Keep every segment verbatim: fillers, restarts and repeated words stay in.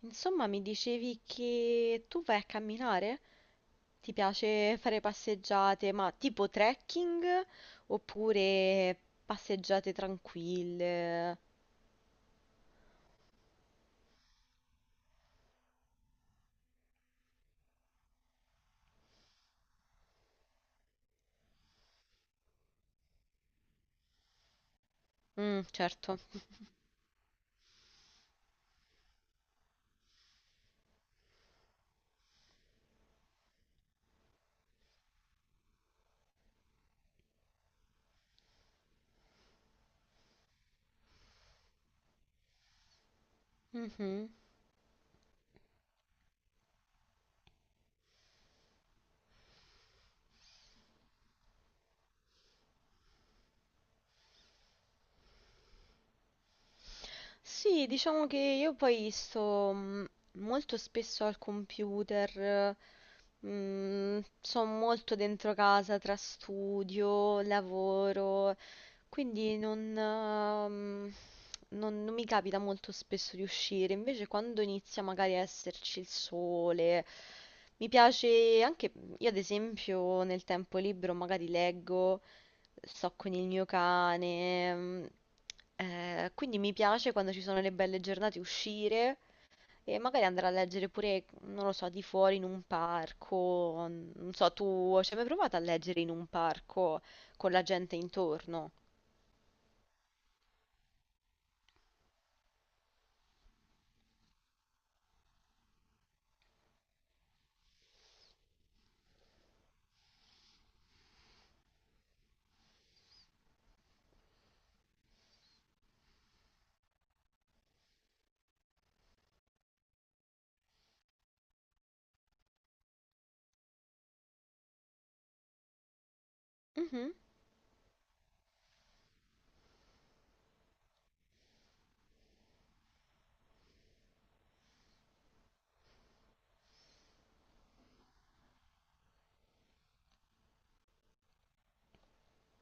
Insomma, mi dicevi che tu vai a camminare? Ti piace fare passeggiate, ma tipo trekking oppure passeggiate tranquille? Mm, certo. Mhm. Sì, diciamo che io poi sto mm, molto spesso al computer, mm, sono molto dentro casa tra studio, lavoro, quindi non, ehm, non- non mi capita molto spesso di uscire. Invece quando inizia magari a esserci il sole, mi piace anche, io ad esempio nel tempo libero magari leggo, sto con il mio cane. Mm, eh, quindi mi piace quando ci sono le belle giornate uscire e magari andare a leggere pure, non lo so, di fuori in un parco. n- Non so, tu ci hai mai provato a leggere in un parco con la gente intorno? Mhm.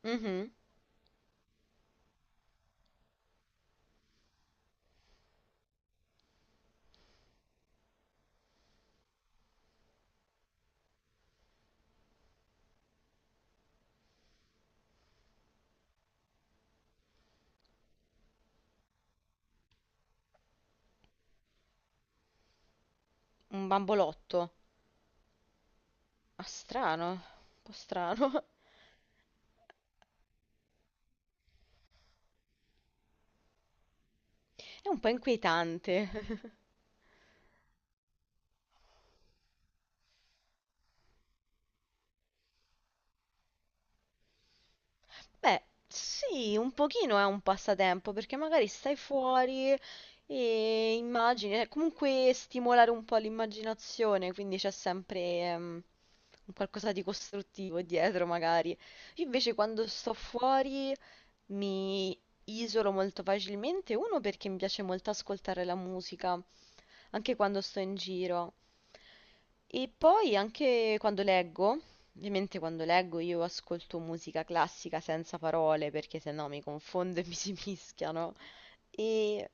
Mhm. Un bambolotto. Ah, strano, un po' strano. È un po' inquietante. Beh, sì, un pochino è un passatempo perché magari stai fuori e immagini, eh, comunque stimolare un po' l''immaginazione, quindi c'è sempre ehm, un qualcosa di costruttivo dietro magari. Io invece quando sto fuori mi isolo molto facilmente, uno perché mi piace molto ascoltare la musica, anche quando sto in giro. E poi anche quando leggo, ovviamente quando leggo io ascolto musica classica senza parole perché sennò mi confondo e mi si mischiano. E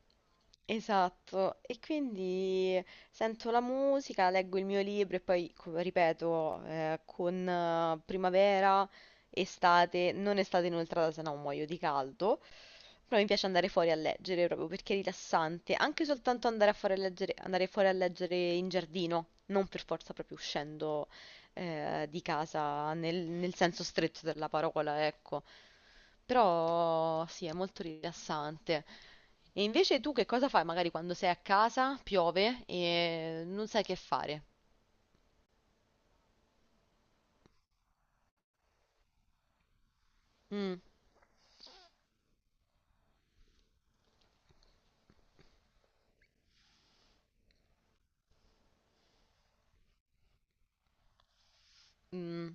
esatto, e quindi sento la musica, leggo il mio libro e poi, co- ripeto, eh, con eh, primavera estate, non estate inoltrata, se no muoio di caldo. Però mi piace andare fuori a leggere proprio perché è rilassante, anche soltanto andare a fare leggere- andare fuori a leggere in giardino, non per forza proprio uscendo eh, di casa nel, nel senso stretto della parola, ecco. Però sì, è molto rilassante. E invece tu che cosa fai magari quando sei a casa, piove e non sai che fare? Mm. Mm.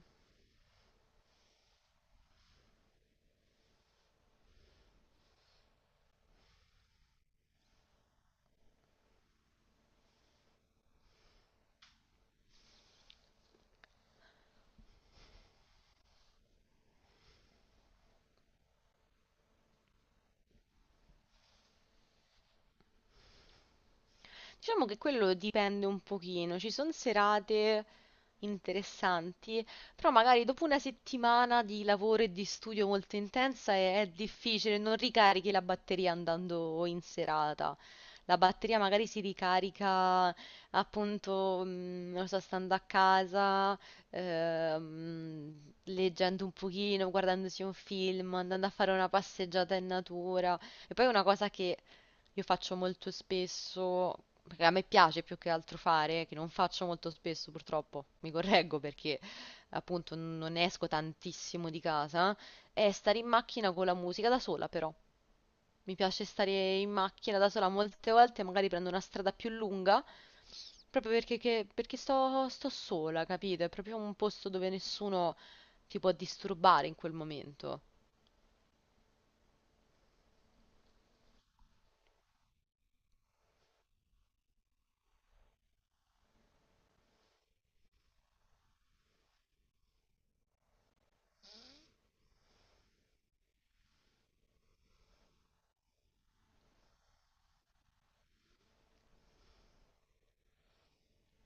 Diciamo che quello dipende un pochino, ci sono serate interessanti, però magari dopo una settimana di lavoro e di studio molto intensa è, è difficile, non ricarichi la batteria andando in serata. La batteria magari si ricarica appunto, mm, non so, stando a casa, ehm, leggendo un pochino, guardandosi un film, andando a fare una passeggiata in natura. E poi una cosa che io faccio molto spesso, perché a me piace più che altro fare, che non faccio molto spesso purtroppo, mi correggo perché appunto n- non esco tantissimo di casa, è stare in macchina con la musica da sola però. Mi piace stare in macchina da sola molte volte, magari prendo una strada più lunga, proprio perché, che- perché sto, sto sola, capito? È proprio un posto dove nessuno ti può disturbare in quel momento.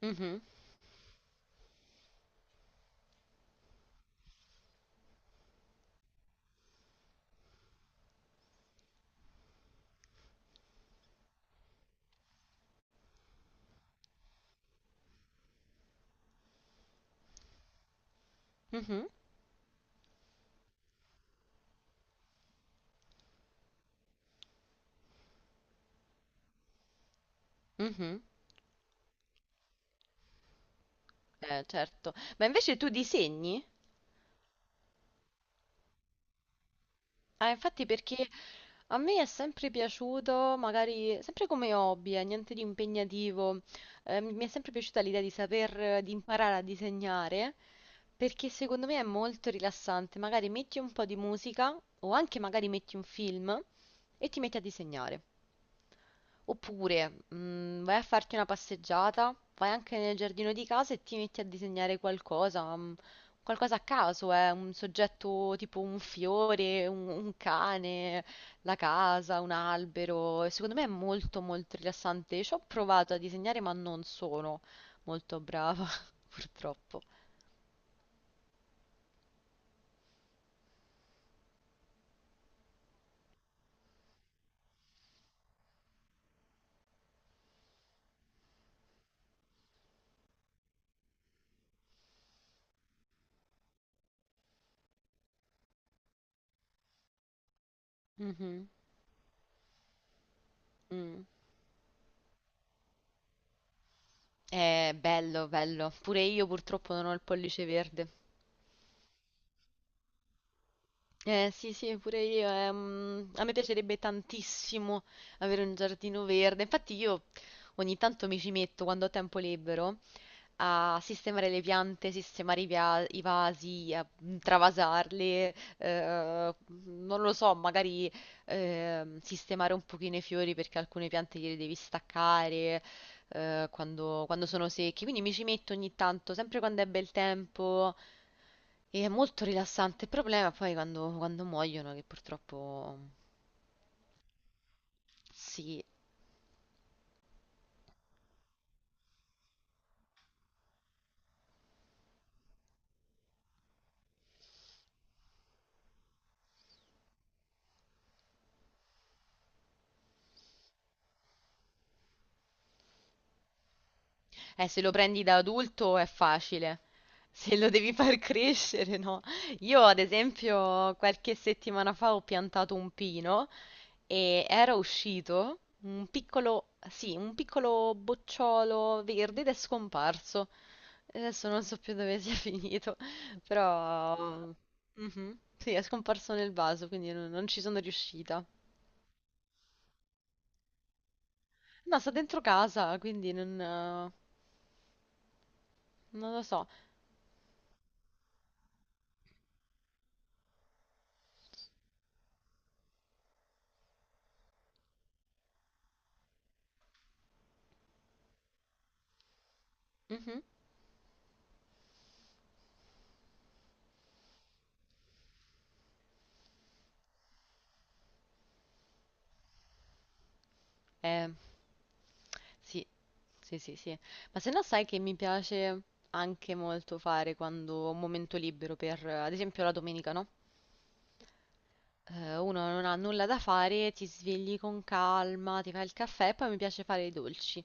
Mhm. Mhm. Mhm. Eh, certo. Ma invece tu disegni? Ah, infatti perché a me è sempre piaciuto, magari sempre come hobby, eh, niente di impegnativo, eh, mi mi è sempre piaciuta l'idea di saper, eh, di imparare a disegnare, perché secondo me è molto rilassante. Magari metti un po' di musica o anche magari metti un film e ti metti a disegnare. Oppure mm, vai a farti una passeggiata, vai anche nel giardino di casa e ti metti a disegnare qualcosa, mm, qualcosa a caso, eh, un soggetto tipo un fiore, un, un cane, la casa, un albero. E secondo me è molto molto rilassante. Ci ho provato a disegnare ma non sono molto brava, purtroppo. Mhm. Mm. È bello, bello. Pure io purtroppo non ho il pollice verde. Eh sì, sì, pure io. eh, mm, a me piacerebbe tantissimo avere un giardino verde. Infatti io ogni tanto mi ci metto quando ho tempo libero a sistemare le piante, sistemare i, via- i vasi, a mm, travasarle, eh, non lo so, magari ehm, sistemare un pochino i fiori perché alcune piante gliele devi staccare eh, quando, quando sono secchi. Quindi mi ci metto ogni tanto, sempre quando è bel tempo. E è molto rilassante, il problema poi quando, quando muoiono, che purtroppo sì. Eh, se lo prendi da adulto è facile, se lo devi far crescere, no? Io, ad esempio, qualche settimana fa ho piantato un pino e era uscito un piccolo, sì, un piccolo bocciolo verde ed è scomparso. Adesso non so più dove sia finito, però. Mhm. Sì, è scomparso nel vaso, quindi non non ci sono riuscita. No, sta dentro casa, quindi non, eh, non lo so. Mhm. Eh, sì, sì, sì, sì. Ma se no sai che mi piace anche molto fare quando ho un momento libero per, eh, ad esempio, la domenica, no? Eh, uno non ha nulla da fare, ti svegli con calma, ti fai il caffè e poi mi piace fare i dolci.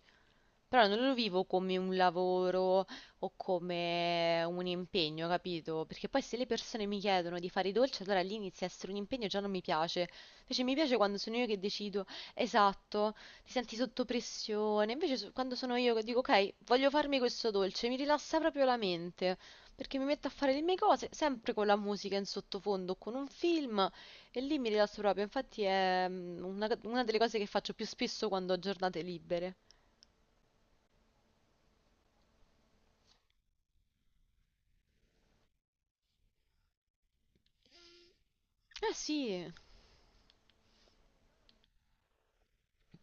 Però non lo vivo come un lavoro o come un impegno, capito? Perché poi se le persone mi chiedono di fare i dolci, allora lì inizia a essere un impegno e già non mi piace. Invece mi piace quando sono io che decido, esatto, ti senti sotto pressione. Invece so- quando sono io che dico, ok, voglio farmi questo dolce, mi rilassa proprio la mente, perché mi metto a fare le mie cose, sempre con la musica in sottofondo, o con un film, e lì mi rilasso proprio. Infatti è mm, una una delle cose che faccio più spesso quando ho giornate libere. Eh sì.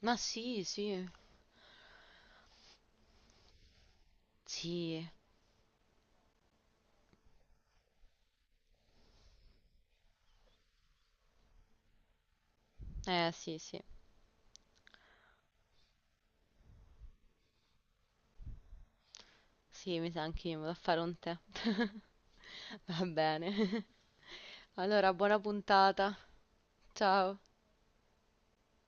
Ma sì, sì, sì, eh sì, sì, sì, mi sa anche io, mi vado a fare un tè. Va bene, allora buona puntata, ciao.